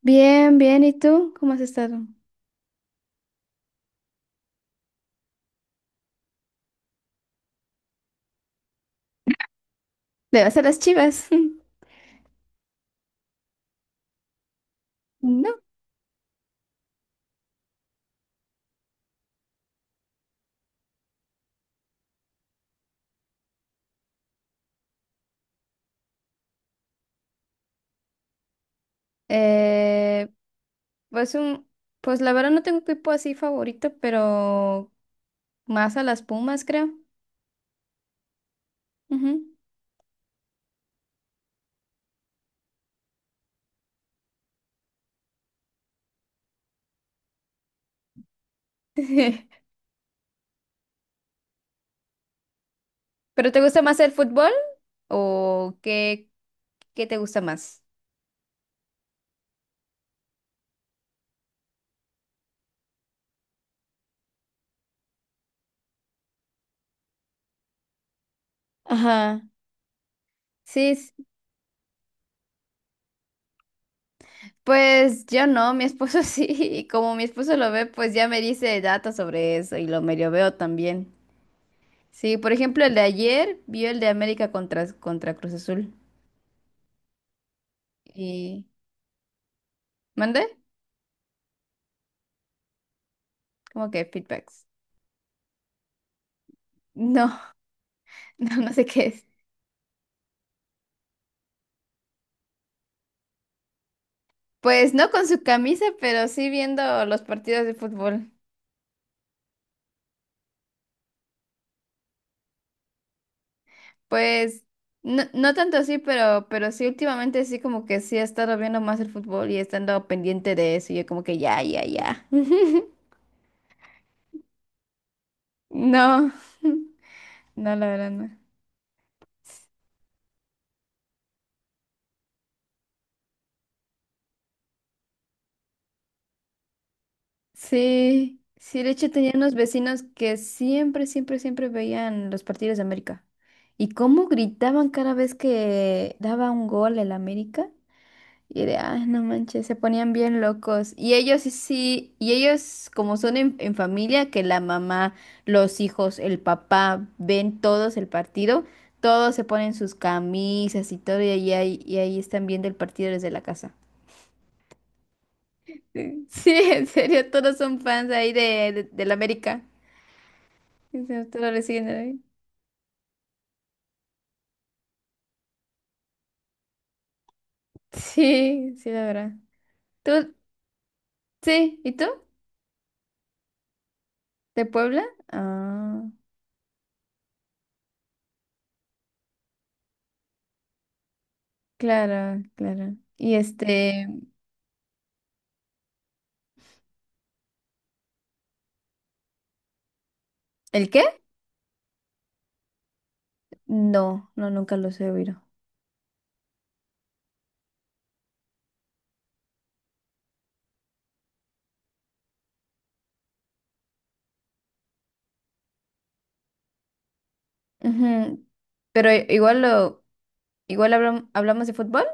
Bien, bien. ¿Y tú? ¿Cómo has estado? ¿Le vas a las Chivas? No. Eh, pues un, pues la verdad no tengo equipo así favorito, pero más a las Pumas, creo. Ujú. ¿Pero te gusta más el fútbol o qué te gusta más? Ajá. Sí, pues yo no, mi esposo sí, y como mi esposo lo ve, pues ya me dice datos sobre eso y lo medio veo también. Sí, por ejemplo, el de ayer vio el de América contra Cruz Azul. Y mandé como que feedbacks. No, no sé qué es. Pues no con su camisa, pero sí viendo los partidos de fútbol. Pues no, no tanto así, pero sí últimamente sí como que sí he estado viendo más el fútbol y estando pendiente de eso. Y yo como que ya. No, no, la verdad no. Sí, sí, de hecho tenía unos vecinos que siempre, siempre, siempre veían los partidos de América. Y cómo gritaban cada vez que daba un gol el América. Y ah, no manches, se ponían bien locos. Y ellos sí, sí, y ellos como son en familia, que la mamá, los hijos, el papá, ven todos el partido, todos se ponen sus camisas y todo, y ahí están viendo el partido desde la casa. Sí, en serio, todos son fans ahí del América. Te lo reciben ahí. Sí, sí, la verdad. ¿Tú? Sí, ¿y tú? ¿De Puebla? Ah, claro, claro. ¿Y el qué? No, no, nunca los he oído. Ujú. Pero igual hablamos de fútbol.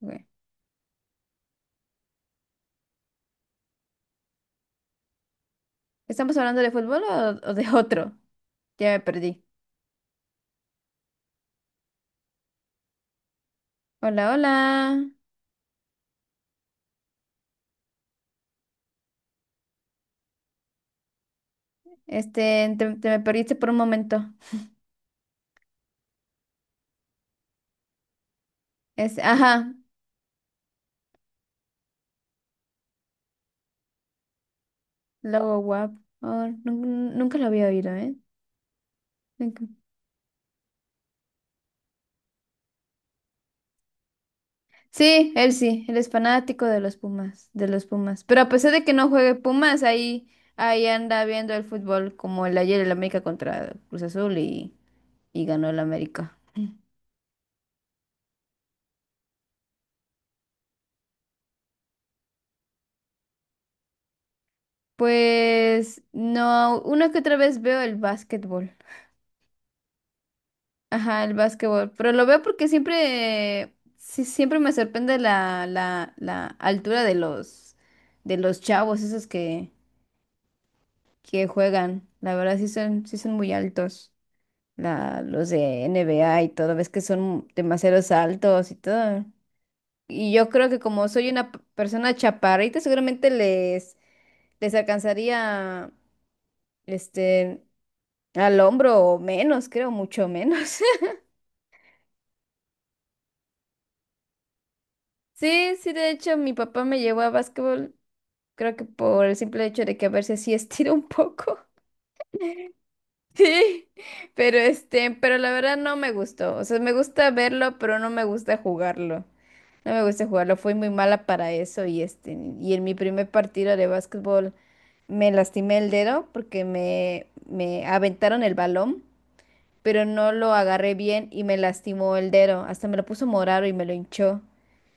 Ok. ¿Estamos hablando de fútbol o de otro? Ya me perdí. Hola, hola. Este, te me perdiste por un momento. Es, ajá, logo guap. Oh, nunca lo había oído, ¿eh? Sí, él es fanático de los Pumas, de los Pumas. Pero a pesar de que no juegue Pumas, ahí, ahí anda viendo el fútbol como el ayer el América contra Cruz Azul y ganó el América. Pues no, una que otra vez veo el básquetbol. Ajá, el básquetbol. Pero lo veo porque siempre, sí, siempre me sorprende la altura de los chavos, esos que juegan. La verdad sí son muy altos. La los de N B A y todo, ves que son demasiados altos y todo. Y yo creo que como soy una persona chaparrita, seguramente les, les alcanzaría este al hombro o menos, creo, mucho menos. Sí, sí, de hecho, mi papá me llevó a básquetbol, creo que por el simple hecho de que a ver si así estiro un poco. Sí, pero este, pero la verdad no me gustó. O sea, me gusta verlo, pero no me gusta jugarlo. No me gusta jugarlo, fui muy mala para eso y este, y en mi primer partido de básquetbol me lastimé el dedo porque me aventaron el balón, pero no lo agarré bien y me lastimó el dedo, hasta me lo puso morado y me lo hinchó.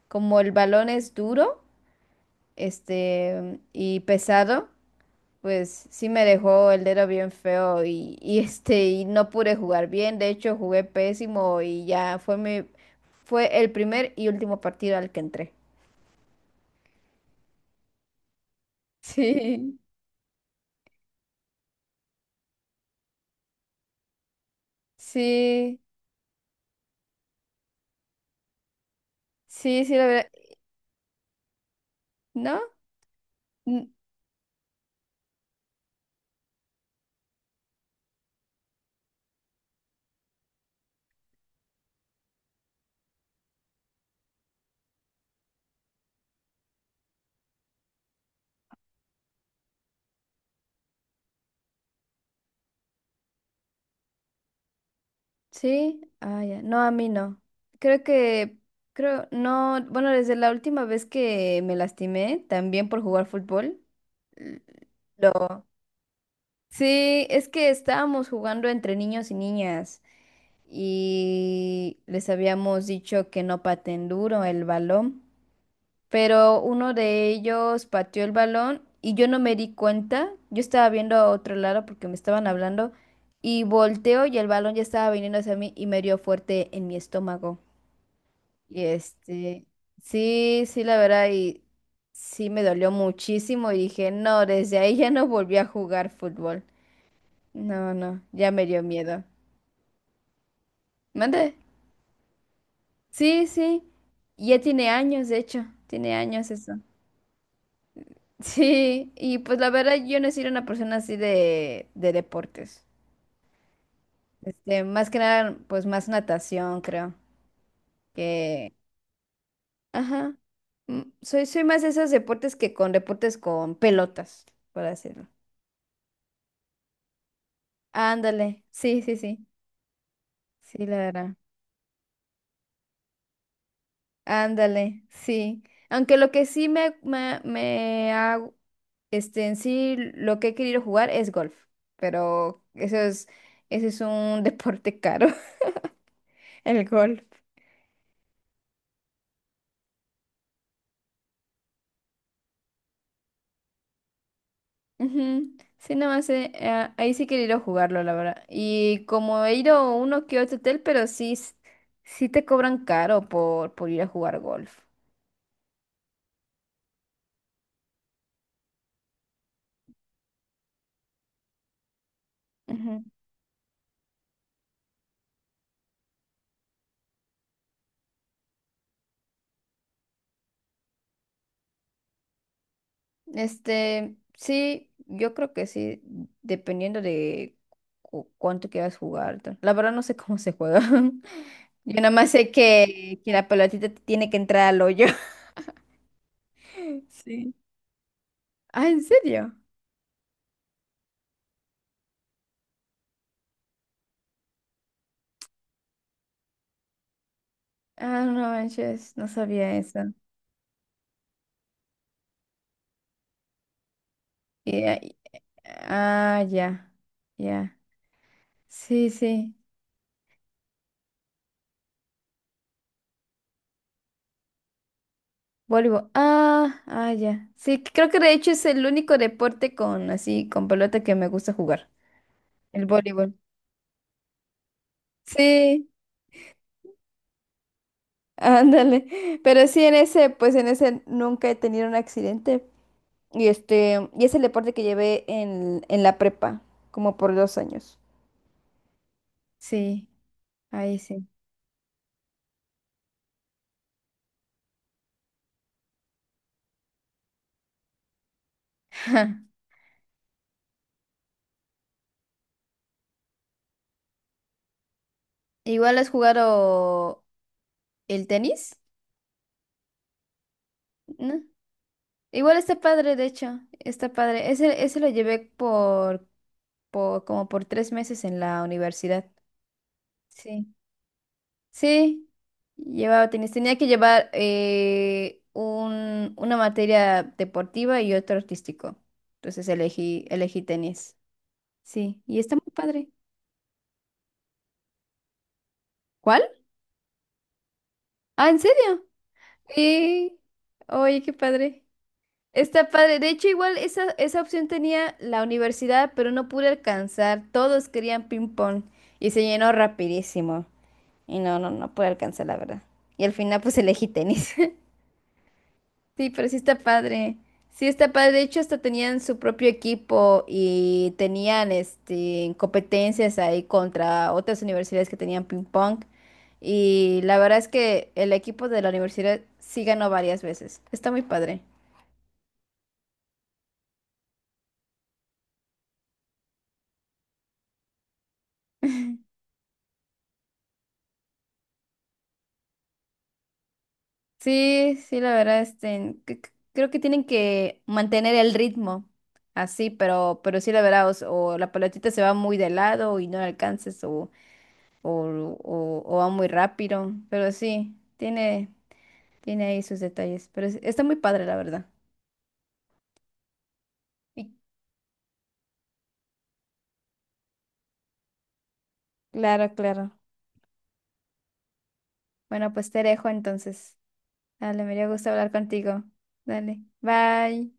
Como el balón es duro, este, y pesado, pues sí me dejó el dedo bien feo este y no pude jugar bien, de hecho jugué pésimo y ya fue mi fue el primer y último partido al que entré. Sí, sí, sí, sí, la verdad. ¿No? N- Sí, ah, ya. No, a mí no. Creo que, creo, no, bueno, desde la última vez que me lastimé, también por jugar fútbol. l- Sí, es que estábamos jugando entre niños y niñas. Y les habíamos dicho que no paten duro el balón, pero uno de ellos pateó el balón y yo no me di cuenta, yo estaba viendo a otro lado porque me estaban hablando y volteo y el balón ya estaba viniendo hacia mí y me dio fuerte en mi estómago. Y este, sí, sí, la verdad, y sí me dolió muchísimo y dije, no, desde ahí ya no volví a jugar fútbol. No, no, ya me dio miedo. ¿Mande? Sí, sí, ya tiene años, de hecho, tiene años eso. Sí, y pues la verdad yo no he sido una persona así de deportes. Este, más que nada, pues más natación, creo. Que, ajá, mm, soy más de esos deportes que con deportes con pelotas, por así decirlo. Ándale, sí, la verdad. Ándale, sí. Aunque lo que sí me ha, este, en sí, lo que he querido jugar es golf, pero eso es, ese es un deporte caro, el golf. Ujú. Sí, nada más, ahí sí he querido jugarlo, la verdad. Y como he ido a uno que otro hotel, pero sí, sí te cobran caro por ir a jugar golf. Este, sí, yo creo que sí, dependiendo de cuánto quieras jugar. Tal. La verdad no sé cómo se juega. Yo nada más sé que la pelotita tiene que entrar al hoyo. Sí. Ah, ¿en serio? Ah, no manches, no sabía eso. Y- y- ah, ya, ya. Sí, sí. Voleibol. Ah, ah, ya. Sí, creo que de hecho es el único deporte con así, con pelota que me gusta jugar. El voleibol. Sí. Ándale, pero sí en ese, pues en ese nunca he tenido un accidente. Y este, y es el deporte que llevé en la prepa, como por 2 años. Sí, ahí sí. Igual has jugado el tenis, ¿no? Igual está padre, de hecho, está padre. Ese lo llevé por como por 3 meses en la universidad. Sí. Sí, llevaba tenis. Tenía que llevar una materia deportiva y otro artístico. Entonces elegí tenis. Sí, y está muy padre. ¿Cuál? Ah, ¿en serio? Sí. Oye, qué padre. Está padre. De hecho, igual esa opción tenía la universidad, pero no pude alcanzar. Todos querían ping pong y se llenó rapidísimo. Y no pude alcanzar, la verdad. Y al final, pues elegí tenis. Sí, pero sí está padre. Sí está padre. De hecho, hasta tenían su propio equipo y tenían este competencias ahí contra otras universidades que tenían ping pong. Y la verdad es que el equipo de la universidad sí ganó varias veces. Está muy padre. Sí, sí, la verdad, este, creo que tienen que mantener el ritmo así, pero sí, la verdad, o la pelotita se va muy de lado y no la alcanzas, o va muy rápido, pero sí, tiene, tiene ahí sus detalles, pero está muy padre, la verdad. Y claro, claro. Bueno, pues te dejo entonces. Dale, me dio gusto hablar contigo. Dale, bye.